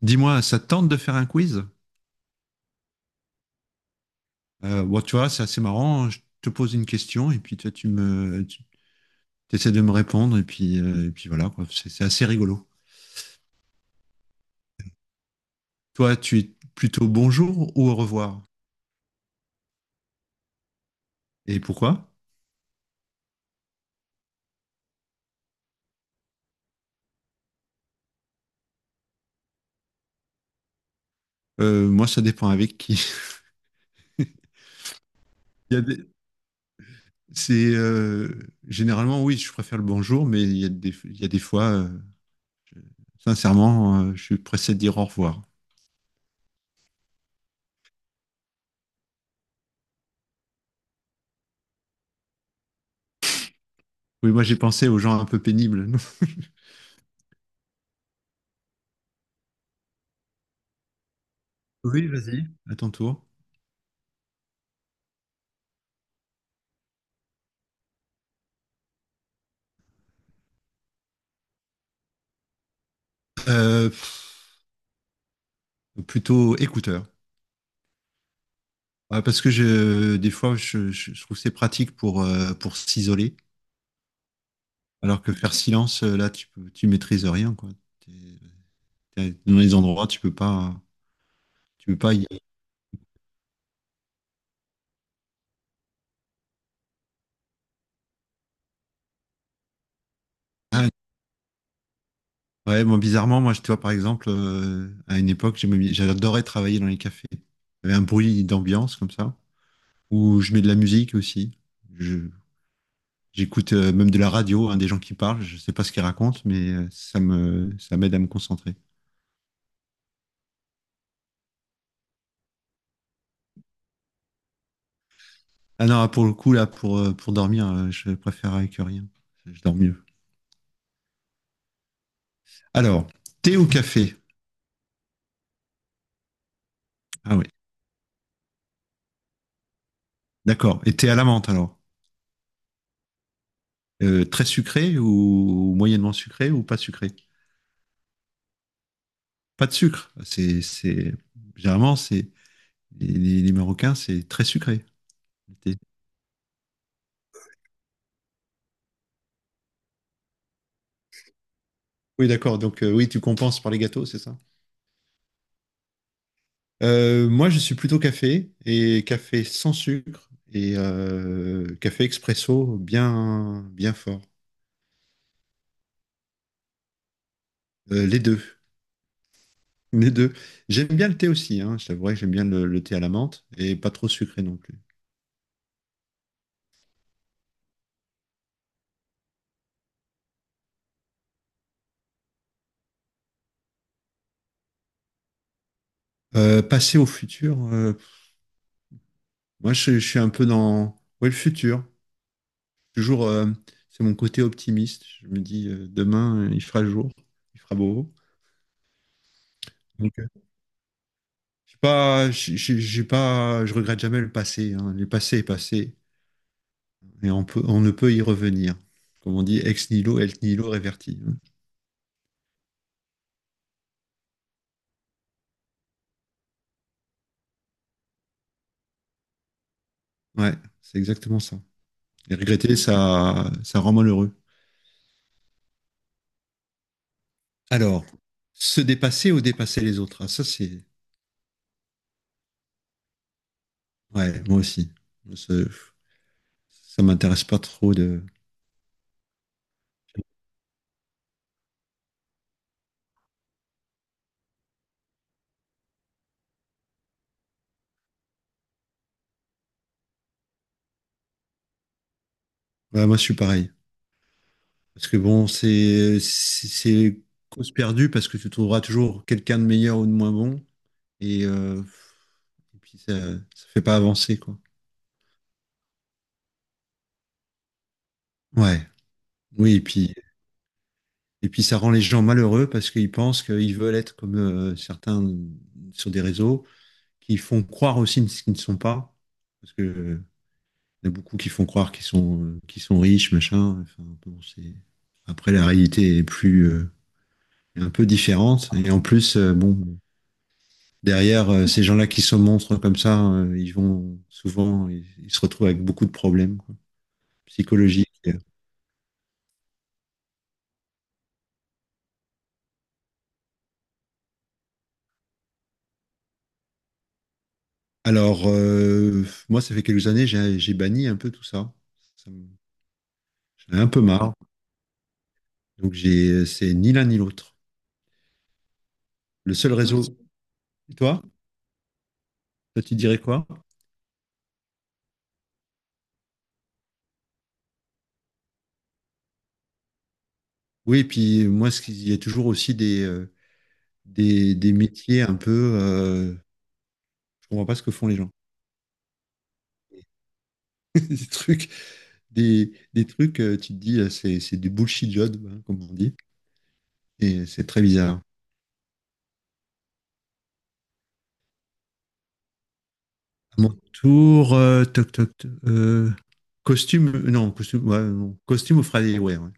Dis-moi, ça te tente de faire un quiz? Tu vois, c'est assez marrant, hein. Je te pose une question et puis toi, tu essaies de me répondre et puis voilà, quoi. C'est assez rigolo. Toi, tu es plutôt bonjour ou au revoir? Et pourquoi? Moi, ça dépend avec qui. Il y a des- c'est généralement oui, je préfère le bonjour, mais il y a des fois, je- sincèrement, je suis pressé de dire au revoir. Oui, moi j'ai pensé aux gens un peu pénibles. Oui. À ton tour. Euh, Plutôt écouteur. Ouais, parce que des fois, je trouve que c'est pratique pour s'isoler, alors que faire silence, là, tu maîtrises rien, quoi. T'es- T'es dans les endroits, tu peux pas y aller. Ah, ouais, moi, bizarrement, tu vois, par exemple, à une époque, j'adorais travailler dans les cafés. Il y avait un bruit d'ambiance, comme ça, où je mets de la musique aussi. Je, J'écoute, même de la radio, hein, des gens qui parlent, je sais pas ce qu'ils racontent, mais ça m'aide à me concentrer. Ah non, pour le coup, là, pour dormir, je préfère avec rien. Je dors mieux. Alors, thé ou café? Ah oui, d'accord. Et thé à la menthe, alors? Très sucré ou moyennement sucré ou pas sucré? Pas de sucre. Généralement, les Marocains, c'est très sucré, le thé. Oui, d'accord. Donc, oui, tu compenses par les gâteaux, c'est ça? Moi, je suis plutôt café et café sans sucre et café expresso bien, bien fort. Les deux. Les deux. J'aime bien le thé aussi, hein. Je t'avouerai que j'aime bien le thé à la menthe et pas trop sucré non plus. Passer au futur, je suis un peu dans ouais, le futur. Toujours, c'est mon côté optimiste. Je me dis demain il fera jour, il fera beau. Donc, je suis pas, je- j'ai pas, je regrette jamais le passé, hein. Le passé est passé et on ne peut y revenir. Comme on dit, ex nihilo reverti, hein. Ouais, c'est exactement ça. Et regretter, ça rend malheureux. Alors, se dépasser ou dépasser les autres, ah, ça c'est. Ouais, moi aussi. Ça, ça m'intéresse pas trop de. Ouais, moi je suis pareil. Parce que bon, c'est cause perdue parce que tu trouveras toujours quelqu'un de meilleur ou de moins bon et, euh, et puis ça ça fait pas avancer, quoi. Ouais. Oui, et puis ça rend les gens malheureux parce qu'ils pensent qu'ils veulent être comme certains sur des réseaux qui font croire aussi ce qu'ils ne sont pas, parce que il y en a beaucoup qui font croire qu'ils sont riches, machin. Enfin, bon, c'est... Après, la réalité est plus, un peu différente. Et en plus, bon, derrière, ces gens-là qui se montrent comme ça, ils vont souvent, ils se retrouvent avec beaucoup de problèmes, quoi, psychologiques. Alors, moi, ça fait quelques années, j'ai banni un peu tout ça. Ça me- J'en ai un peu marre. Donc, c'est ni l'un ni l'autre. Le seul réseau. Et toi? Toi, tu dirais quoi? Oui, et puis moi, ce qu'il y a toujours aussi des, des métiers un peu, je comprends pas ce que font les gens. Des trucs, des trucs, tu te dis, c'est du bullshit job, hein, comme on dit. Et c'est très bizarre. À mon tour, toc, toc, toc, costume, non, costume, ouais, non, costume au Friday Wear. Ouais.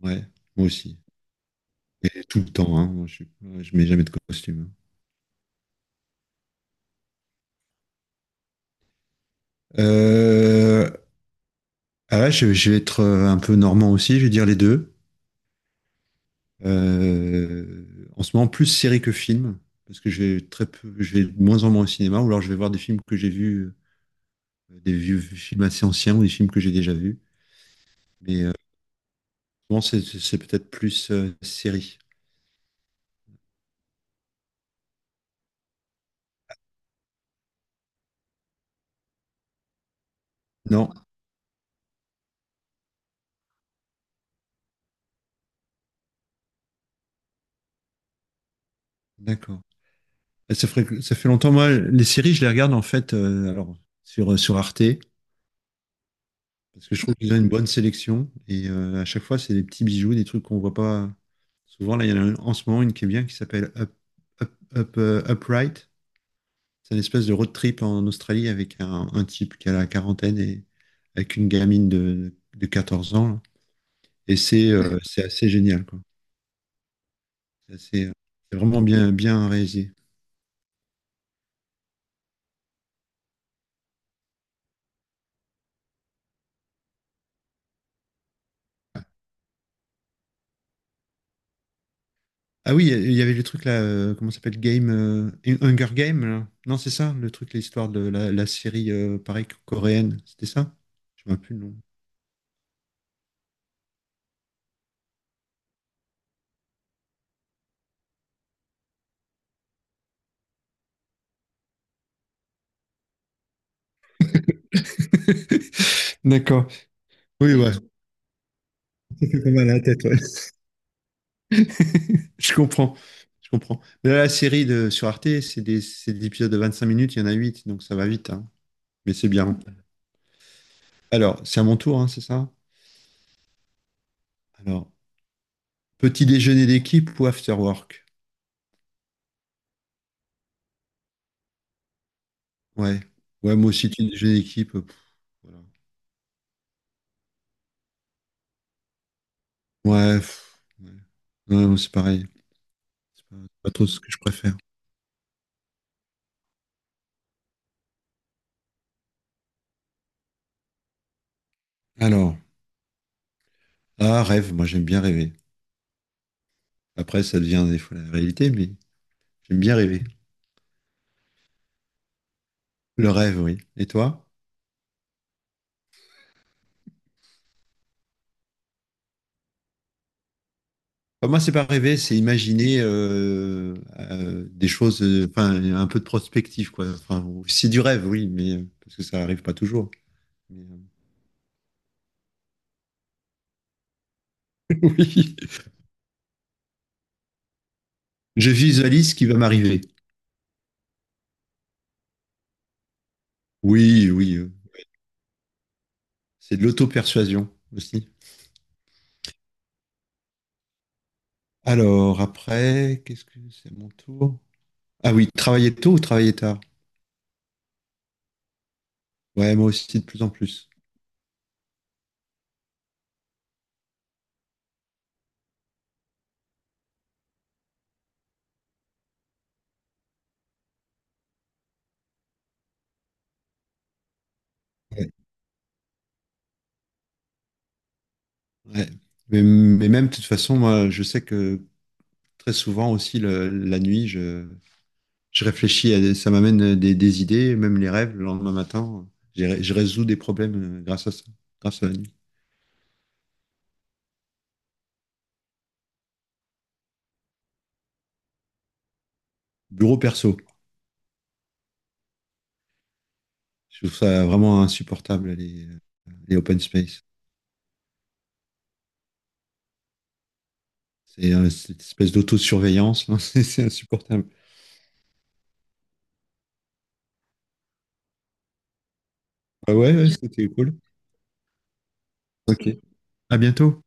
Ouais, moi aussi. Et tout le temps, hein, je mets jamais de costume, hein. Ah là, je vais être un peu normand aussi, je vais dire les deux. Euh, En ce moment, plus série que film, parce que j'ai de moins en moins au cinéma, ou alors je vais voir des films que j'ai vus, des vieux films assez anciens ou des films que j'ai déjà vus. Mais souvent, c'est peut-être plus série. Non, d'accord. Ça fait longtemps, moi, les séries, je les regarde en fait alors, sur Arte, parce que je trouve qu'ils ont une bonne sélection, et à chaque fois, c'est des petits bijoux, des trucs qu'on voit pas souvent. Là, il y en a une- en ce moment une qui est bien, qui s'appelle Upright. C'est une espèce de road trip en Australie avec un type qui a la quarantaine et avec une gamine de 14 ans là. Et c'est ouais, c'est assez génial, quoi. C'est assez, c'est vraiment bien, bien réalisé. Ah oui, il y avait le truc là, comment ça s'appelle, Hunger Game, là. Non, c'est ça, le truc, l'histoire de la série, pareil, coréenne. C'était ça? Je me rappelle plus le nom. D'accord. Oui, ouais. C'est pas mal à la tête, ouais. Je comprends, je comprends. Mais là, sur Arte, c'est des épisodes de 25 minutes, il y en a 8, donc ça va vite, hein. Mais c'est bien. Alors, c'est à mon tour, hein, c'est ça? Alors, petit déjeuner d'équipe ou after work? Ouais. Ouais, moi aussi, petit déjeuner d'équipe. Voilà. Ouais, Ouais, moi, c'est pareil. C'est pas trop ce que je préfère. Alors, ah, rêve, moi j'aime bien rêver. Après, ça devient des fois la réalité, mais j'aime bien rêver. Le rêve, oui. Et toi? Enfin, moi, c'est pas rêver, c'est imaginer des choses, enfin, un peu de prospective, quoi. Enfin, c'est du rêve, oui, mais parce que ça arrive pas toujours. Mais, oui, je visualise ce qui va m'arriver. Oui, oui, c'est de l'auto-persuasion aussi. Alors, après, qu'est-ce que c'est mon tour? Ah oui, travailler tôt ou travailler tard? Ouais, moi aussi, de plus en plus. Ouais. Ouais. Mais même, de toute façon, moi, je sais que très souvent aussi, la nuit, je réfléchis à ça m'amène des idées, même les rêves, le lendemain matin, je résous des problèmes grâce à ça, grâce à la nuit. Bureau perso, je trouve ça vraiment insupportable, les open space. C'est cette espèce d'autosurveillance, là, c'est insupportable. Ah ouais, ouais, c'était cool. Ok. À bientôt.